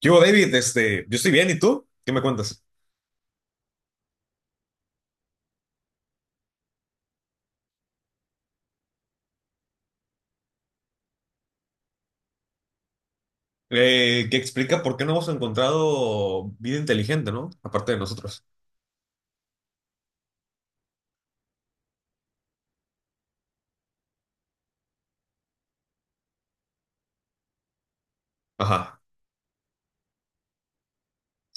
¿Qué hubo, David? Yo estoy bien, ¿y tú? ¿Qué me cuentas? Que explica por qué no hemos encontrado vida inteligente, ¿no? Aparte de nosotros. Ajá.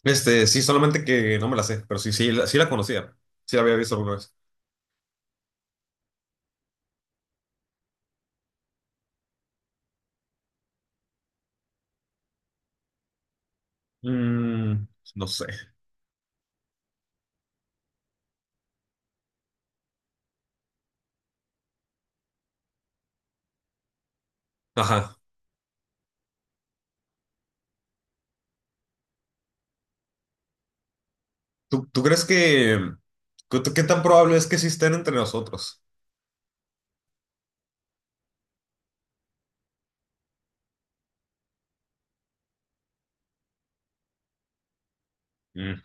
Sí, solamente que no me la sé, pero sí, sí, sí la conocía. Sí la había visto alguna vez. Mm, no sé. Ajá. ¿Tú crees que... ¿Qué tan probable es que sí estén entre nosotros? Mm,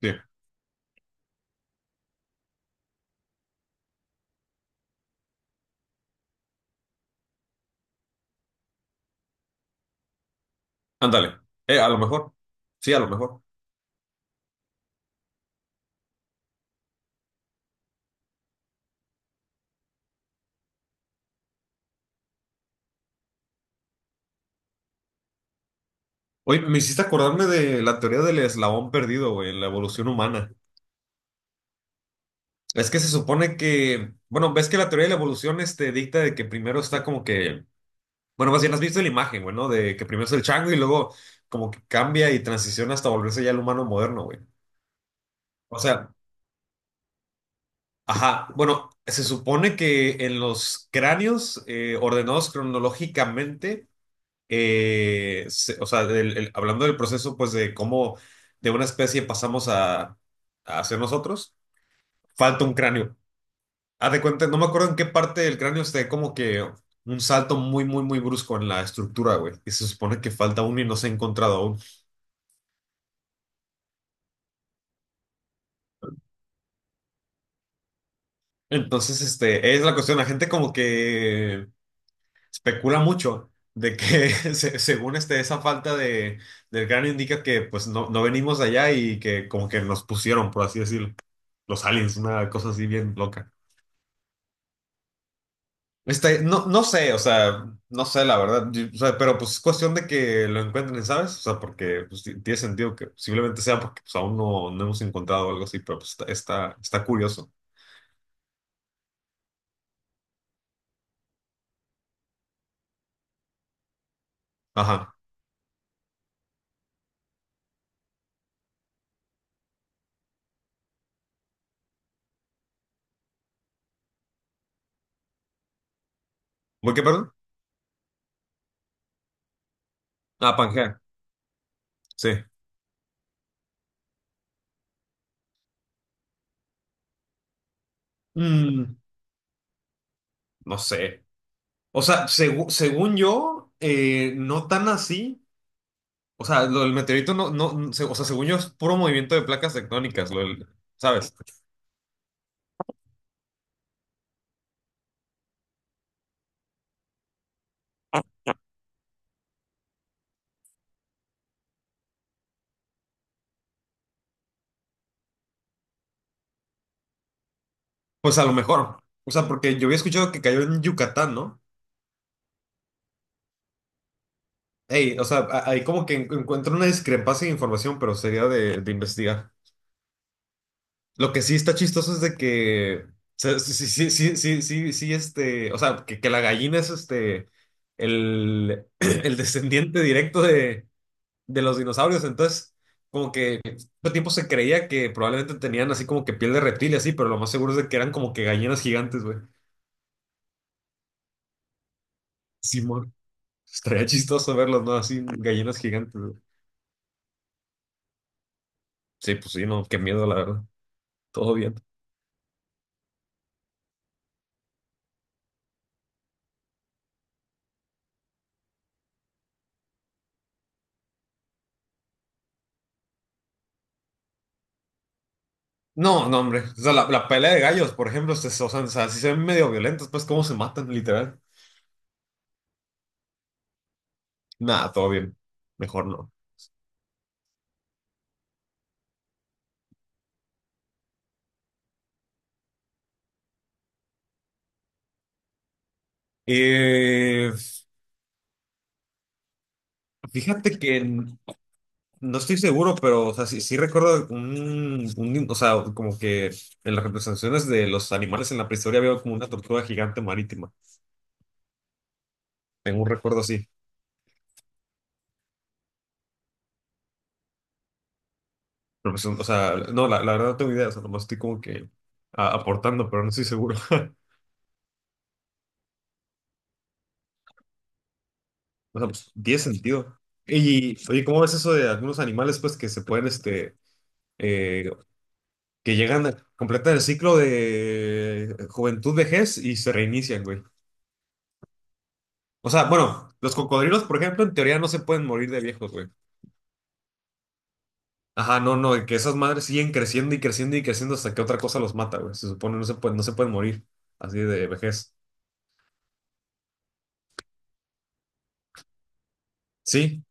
sí. Ándale. A lo mejor. Sí, a lo mejor. Oye, me hiciste acordarme de la teoría del eslabón perdido, güey, en la evolución humana. Es que se supone que, bueno, ves que la teoría de la evolución dicta de que primero está como que, bueno, más bien has visto la imagen, güey, ¿no? De que primero es el chango y luego como que cambia y transiciona hasta volverse ya el humano moderno, güey. O sea, ajá, bueno, se supone que en los cráneos ordenados cronológicamente, o sea, hablando del proceso, pues de cómo de una especie pasamos a ser nosotros, falta un cráneo. Haz de cuenta, no me acuerdo en qué parte del cráneo esté como que un salto muy, muy, muy brusco en la estructura, güey. Y se supone que falta uno y no se ha encontrado aún. Entonces, es la cuestión. La gente como que especula mucho de que según esa falta del cráneo indica que pues no, no venimos de allá y que como que nos pusieron, por así decirlo, los aliens, una cosa así bien loca. No, no sé, o sea, no sé la verdad. O sea, pero pues es cuestión de que lo encuentren, ¿sabes? O sea, porque pues, tiene sentido que posiblemente sea porque pues, aún no, no hemos encontrado algo así, pero pues está curioso. Ajá. ¿Voy qué, perdón? Ah, Pangea, sí. Mm, no sé. O sea, según yo, no tan así. O sea, lo del meteorito no, no, o sea, según yo es puro movimiento de placas tectónicas, ¿sabes? Pues a lo mejor. O sea, porque yo había escuchado que cayó en Yucatán, ¿no? Ey, o sea, ahí como que encuentro una discrepancia de información, pero sería de investigar. Lo que sí está chistoso es de que, o sea, sí, sí, sí, sí, sí, sí, sí, o sea, que la gallina es el descendiente directo de los dinosaurios, entonces, como que todo tiempo se creía que probablemente tenían así como que piel de reptil y así, pero lo más seguro es de que eran como que gallinas gigantes, güey. Simón, estaría chistoso verlos, ¿no? Así, gallinas gigantes, güey. Sí, pues sí, no, qué miedo, la verdad. Todo bien. No, no, hombre. O sea, la pelea de gallos, por ejemplo, o sea, si se ven medio violentos, pues cómo se matan, literal. Nada, todo bien. Mejor no. Eh, Fíjate que no estoy seguro, pero o sea, sí, sí recuerdo un, o sea, como que en las representaciones de los animales en la prehistoria había como una tortuga gigante marítima. Tengo un recuerdo así. Pero pues, o sea, no, la verdad no tengo idea, o sea, nomás estoy como que aportando, pero no estoy seguro. O sea, pues tiene sentido. Y, oye, ¿cómo ves eso de algunos animales, pues, que se pueden, eh, que llegan a completar el ciclo de juventud, vejez y se reinician, güey? O sea, bueno, los cocodrilos, por ejemplo, en teoría no se pueden morir de viejos, güey. Ajá, no, no, que esas madres siguen creciendo y creciendo y creciendo hasta que otra cosa los mata, güey. Se supone no se pueden morir así de vejez. Sí,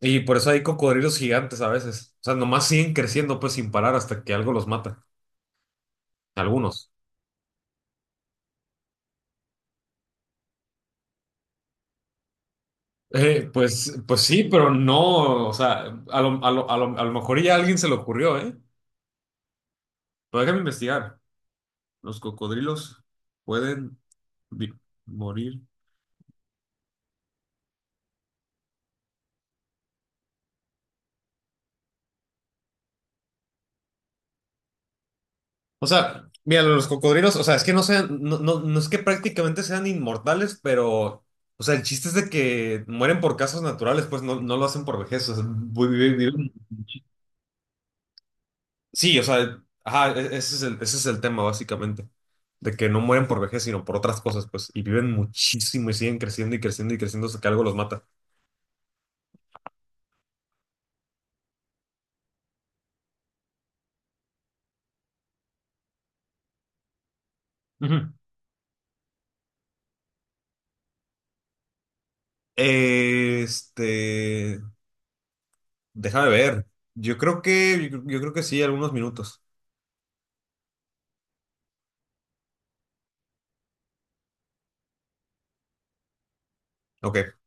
y por eso hay cocodrilos gigantes a veces. O sea, nomás siguen creciendo, pues, sin parar hasta que algo los mata. Algunos. Pues, sí, pero no, o sea, a lo mejor ya a alguien se le ocurrió, ¿eh? Pero déjame investigar. Los cocodrilos pueden vi- morir. O sea, mira, los cocodrilos, o sea, es que no sean, no, no, no es que prácticamente sean inmortales, pero, o sea, el chiste es de que mueren por causas naturales, pues no, no lo hacen por vejez, o sea, viven. Sí, o sea, ajá, ese es el tema básicamente, de que no mueren por vejez, sino por otras cosas, pues, y viven muchísimo y siguen creciendo y creciendo y creciendo hasta que algo los mata. Ujú. Este, Déjame ver. Yo creo que sí, algunos minutos. Ok,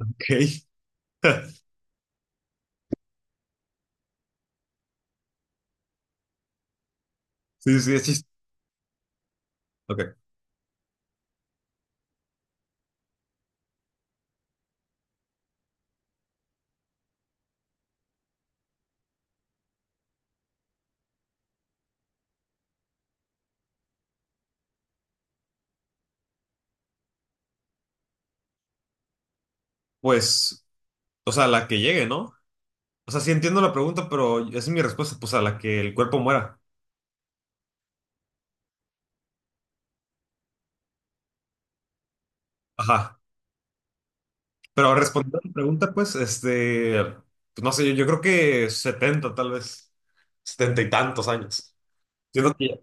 ok. Sí, sí, sí, chiste. Ok. Pues, o sea, la que llegue, ¿no? O sea, sí entiendo la pregunta, pero esa es mi respuesta, pues a la que el cuerpo muera. Ajá. Pero respondiendo a tu pregunta, pues, pues, no sé, yo creo que 70 tal vez, 70 y tantos años. Siento que,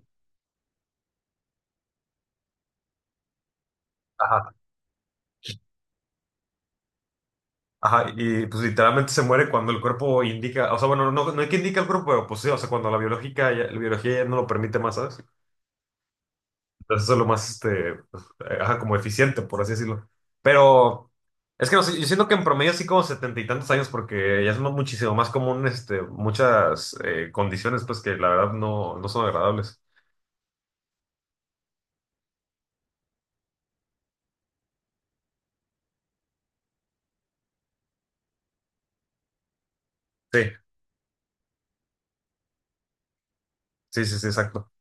ajá, ajá, y pues literalmente se muere cuando el cuerpo indica, o sea, bueno, no, no hay que indicar el cuerpo, pero pues sí, o sea, cuando la biológica, la biología ya no lo permite más, ¿sabes? Entonces eso es lo más, ajá, como eficiente, por así decirlo. Pero es que no sé, yo siento que en promedio sí como setenta y tantos años, porque ya es muchísimo más común, muchas condiciones, pues, que la verdad no, no son agradables. Sí, sí, sí, sí, exacto.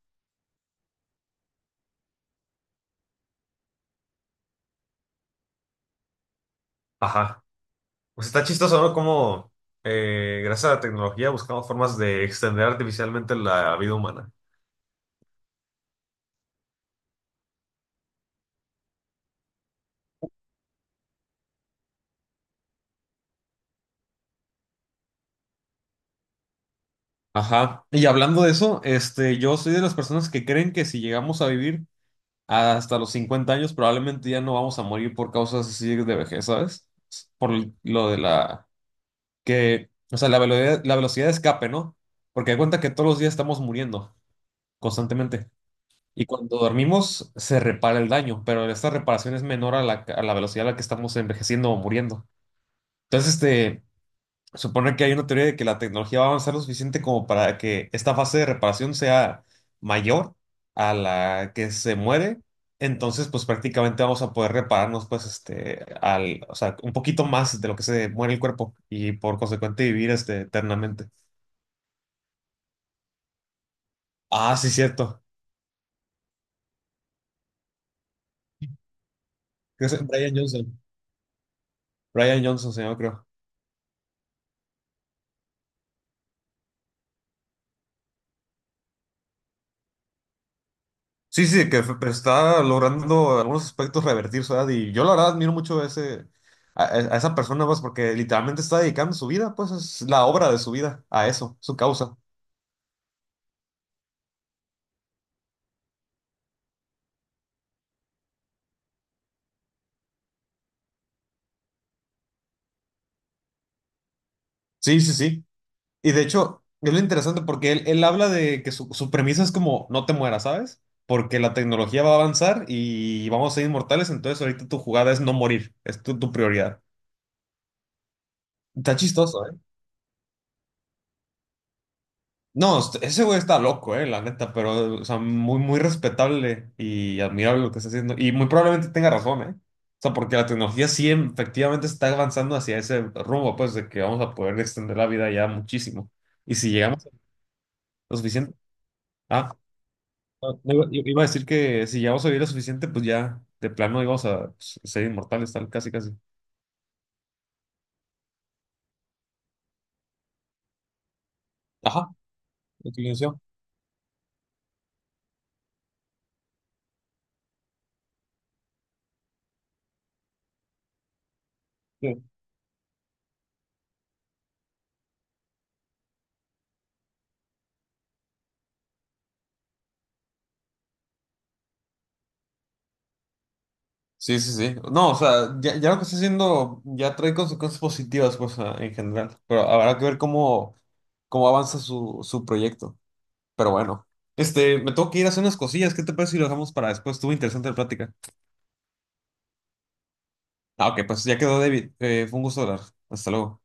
Ajá. Pues está chistoso, ¿no? Como gracias a la tecnología buscamos formas de extender artificialmente la vida humana. Ajá. Y hablando de eso, yo soy de las personas que creen que si llegamos a vivir hasta los 50 años, probablemente ya no vamos a morir por causas así de vejez, ¿sabes? Por lo de la que, o sea, la velocidad de escape, ¿no? Porque hay cuenta que todos los días estamos muriendo constantemente. Y cuando dormimos se repara el daño, pero esta reparación es menor a la, velocidad a la que estamos envejeciendo o muriendo. Entonces, supone que hay una teoría de que la tecnología va a avanzar lo suficiente como para que esta fase de reparación sea mayor a la que se muere. Entonces, pues prácticamente vamos a poder repararnos, pues, o sea, un poquito más de lo que se muere el cuerpo y por consecuente vivir, eternamente. Ah, sí, cierto. Creo que es Brian Johnson. Brian Johnson, señor, creo. Sí, sí, que pero está logrando algunos aspectos revertir su edad y yo la verdad admiro mucho a ese, a esa persona, pues, porque literalmente está dedicando su vida, pues es la obra de su vida a eso, su causa. Sí, sí, sí. Y de hecho, es lo interesante porque él habla de que su premisa es como no te mueras, ¿sabes? Porque la tecnología va a avanzar y vamos a ser inmortales, entonces ahorita tu jugada es no morir, es tu prioridad. Está chistoso, ¿eh? No, ese güey está loco, la neta, pero, o sea, muy, muy respetable y admirable lo que está haciendo. Y muy probablemente tenga razón, ¿eh? O sea, porque la tecnología sí efectivamente está avanzando hacia ese rumbo, pues, de que vamos a poder extender la vida ya muchísimo. Y si llegamos a lo suficiente. Ah, no, no iba a decir que si llegamos a vivir lo suficiente, pues ya de plano íbamos a pues, ser inmortales, tal, casi, casi. Ajá, lo que sí, sí, sí. No, o sea, ya, ya lo que está haciendo ya trae consecuencias positivas, pues, en general. Pero habrá que ver cómo avanza su proyecto. Pero bueno, me tengo que ir a hacer unas cosillas. ¿Qué te parece si lo dejamos para después? Estuvo interesante la plática. Ah, ok, pues ya quedó, David. Fue un gusto hablar. Hasta luego.